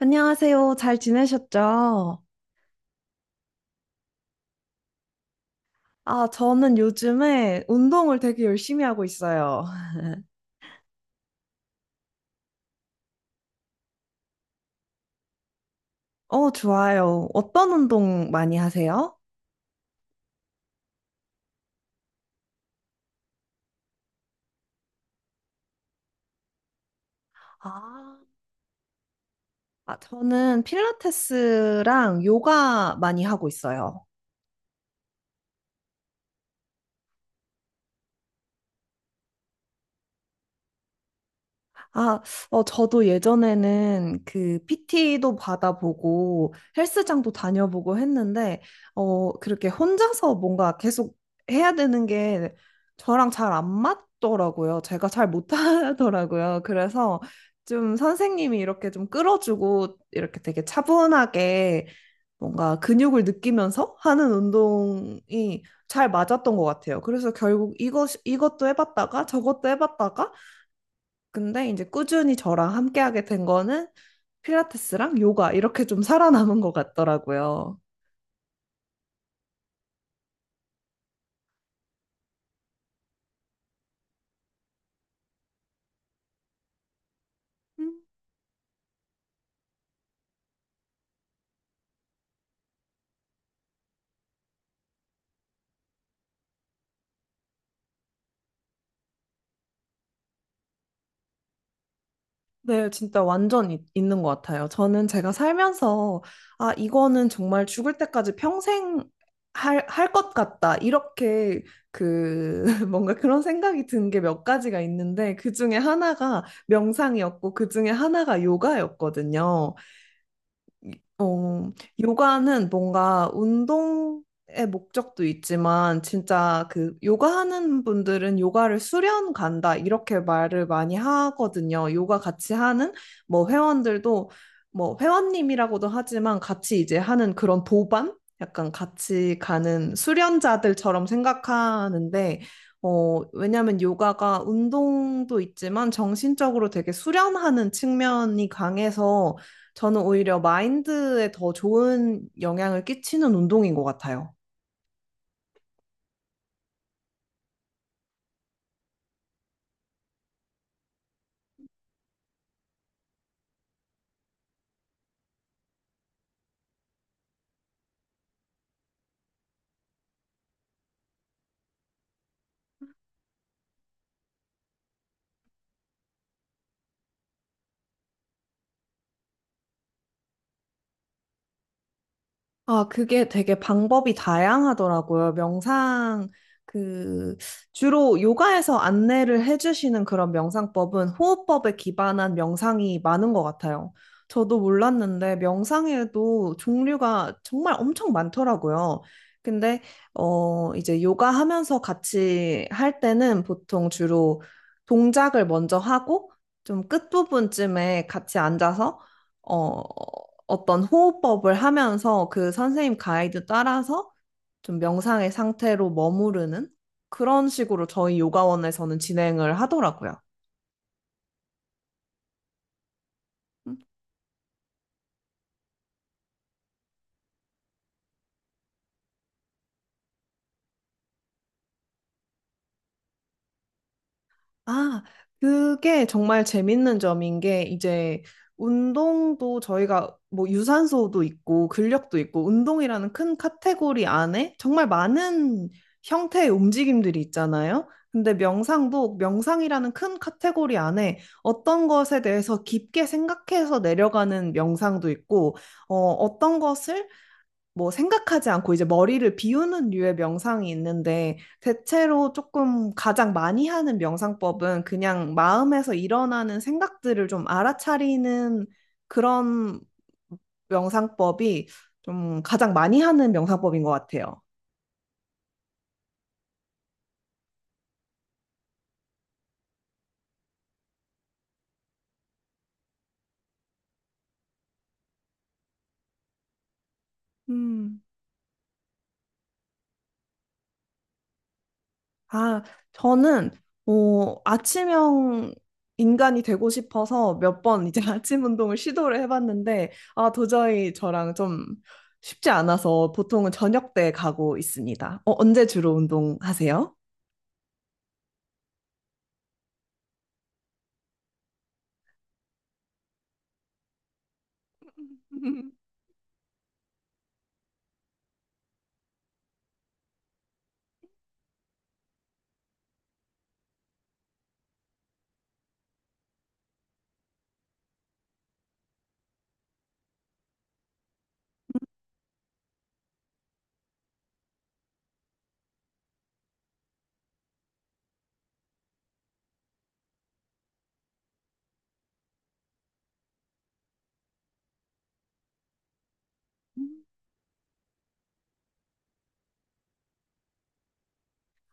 안녕하세요. 잘 지내셨죠? 아, 저는 요즘에 운동을 되게 열심히 하고 있어요. 좋아요. 어떤 운동 많이 하세요? 아, 아, 저는 필라테스랑 요가 많이 하고 있어요. 아, 저도 예전에는 그 PT도 받아보고 헬스장도 다녀보고 했는데, 그렇게 혼자서 뭔가 계속 해야 되는 게 저랑 잘 안 맞더라고요. 제가 잘 못하더라고요. 그래서 좀 선생님이 이렇게 좀 끌어주고 이렇게 되게 차분하게 뭔가 근육을 느끼면서 하는 운동이 잘 맞았던 것 같아요. 그래서 결국 이것도 해봤다가 저것도 해봤다가 근데 이제 꾸준히 저랑 함께하게 된 거는 필라테스랑 요가 이렇게 좀 살아남은 것 같더라고요. 음. 네, 진짜 완전 있는 것 같아요. 저는 제가 살면서, 이거는 정말 죽을 때까지 평생 할 것 같다. 이렇게 그, 뭔가 그런 생각이 든 게 몇 가지가 있는데, 그 중에 하나가 명상이었고, 그 중에 하나가 요가였거든요. 어, 요가는 뭔가 운동의 목적도 있지만 진짜 그 요가하는 분들은 요가를 수련 간다 이렇게 말을 많이 하거든요. 요가 같이 하는 뭐 회원들도 뭐 회원님이라고도 하지만 같이 이제 하는 그런 도반? 약간 같이 가는 수련자들처럼 생각하는데 왜냐면 요가가 운동도 있지만 정신적으로 되게 수련하는 측면이 강해서 저는 오히려 마인드에 더 좋은 영향을 끼치는 운동인 것 같아요. 아, 그게 되게 방법이 다양하더라고요. 명상, 그, 주로 요가에서 안내를 해주시는 그런 명상법은 호흡법에 기반한 명상이 많은 것 같아요. 저도 몰랐는데 명상에도 종류가 정말 엄청 많더라고요. 근데, 이제 요가 하면서 같이 할 때는 보통 주로 동작을 먼저 하고 좀 끝부분쯤에 같이 앉아서 어, 어떤 호흡법을 하면서 그 선생님 가이드 따라서 좀 명상의 상태로 머무르는 그런 식으로 저희 요가원에서는 진행을 하더라고요. 아, 그게 정말 재밌는 점인 게 이제 운동도 저희가 뭐 유산소도 있고 근력도 있고 운동이라는 큰 카테고리 안에 정말 많은 형태의 움직임들이 있잖아요. 근데 명상도 명상이라는 큰 카테고리 안에 어떤 것에 대해서 깊게 생각해서 내려가는 명상도 있고, 어떤 것을 뭐 생각하지 않고 이제 머리를 비우는 류의 명상이 있는데 대체로 조금 가장 많이 하는 명상법은 그냥 마음에서 일어나는 생각들을 좀 알아차리는 그런 명상법이 좀 가장 많이 하는 명상법인 것 같아요. 음. 아, 저는 아침형 인간이 되고 싶어서 몇 번 이제 아침 운동을 시도를 해봤는데 도저히 저랑 좀 쉽지 않아서 보통은 저녁 때 가고 있습니다. 언제 주로 운동하세요?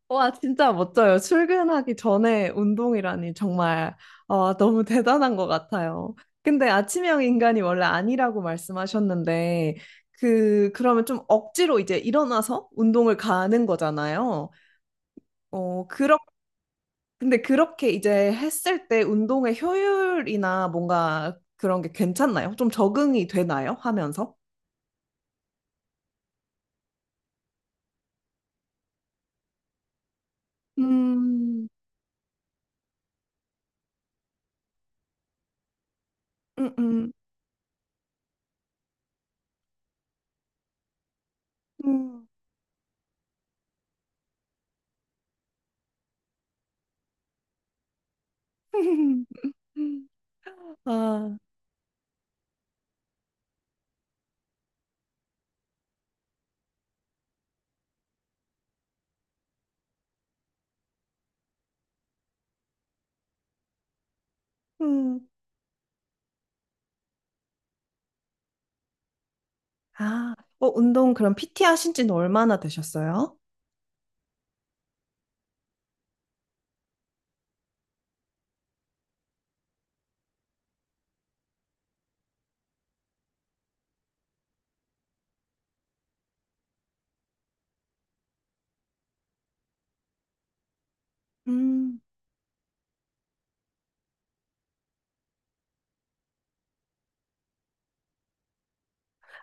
와, 진짜 멋져요. 출근하기 전에 운동이라니 정말 너무 대단한 것 같아요. 근데 아침형 인간이 원래 아니라고 말씀하셨는데, 그러면 좀 억지로 이제 일어나서 운동을 가는 거잖아요. 어, 그렇, 근데 그렇게 이제 했을 때 운동의 효율이나 뭔가 그런 게 괜찮나요? 좀 적응이 되나요? 하면서? 음, 음, 음, 음. 아, 음. 아, 운동 그럼 PT 하신 지는 얼마나 되셨어요? 음.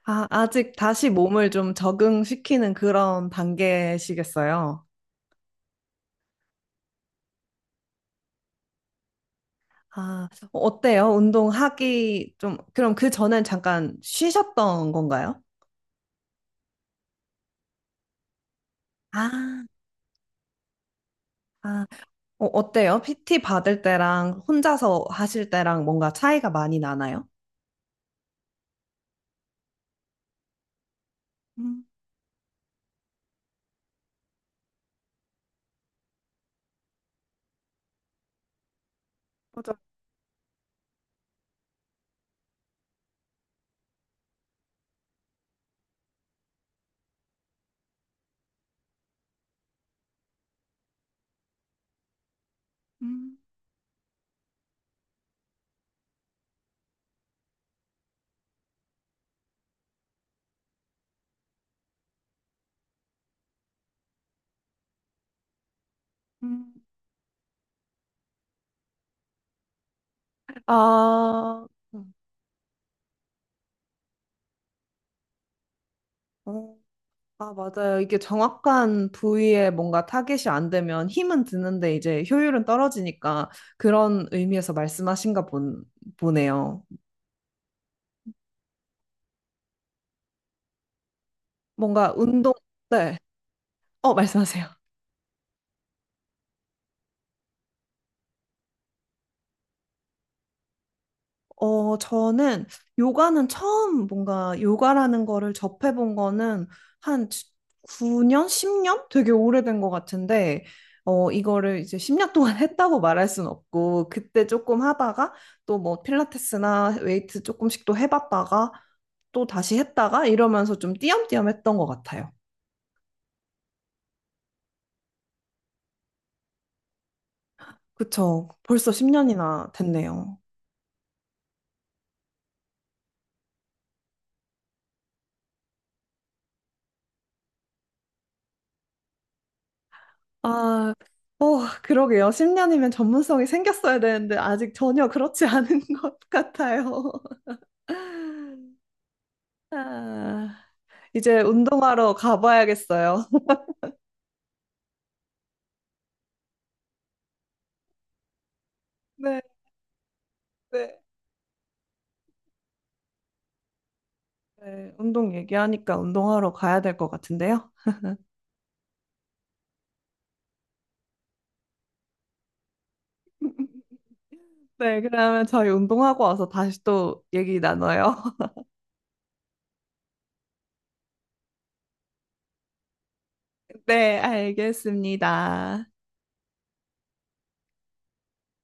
아, 아직 다시 몸을 좀 적응시키는 그런 단계시겠어요? 아, 어때요? 운동하기 좀, 그럼 그 전엔 잠깐 쉬셨던 건가요? 아, 아, 어때요? PT 받을 때랑 혼자서 하실 때랑 뭔가 차이가 많이 나나요? 음, 맞아. 음, 음. 아, 음. 어, 아, 맞아요. 이게 정확한 부위에 뭔가 타겟이 안 되면 힘은 드는데 이제 효율은 떨어지니까 그런 의미에서 말씀하신가 보네요. 뭔가 운동, 네. 말씀하세요. 저는 요가는 처음 뭔가 요가라는 거를 접해본 거는 한 9년, 10년? 되게 오래된 것 같은데, 이거를 이제 10년 동안 했다고 말할 순 없고, 그때 조금 하다가 또 뭐 필라테스나 웨이트 조금씩 또 해봤다가 또 다시 했다가 이러면서 좀 띄엄띄엄 했던 것 같아요. 그쵸. 벌써 10년이나 됐네요. 아, 어, 그러게요. 10년이면 전문성이 생겼어야 되는데 아직 전혀 그렇지 않은 것 같아요. 아, 이제 운동하러 가봐야겠어요. 네, 네. 네, 운동 얘기하니까 운동하러 가야 될 것 같은데요. 네, 그러면 저희 운동하고 와서 다시 또 얘기 나눠요. 네, 알겠습니다.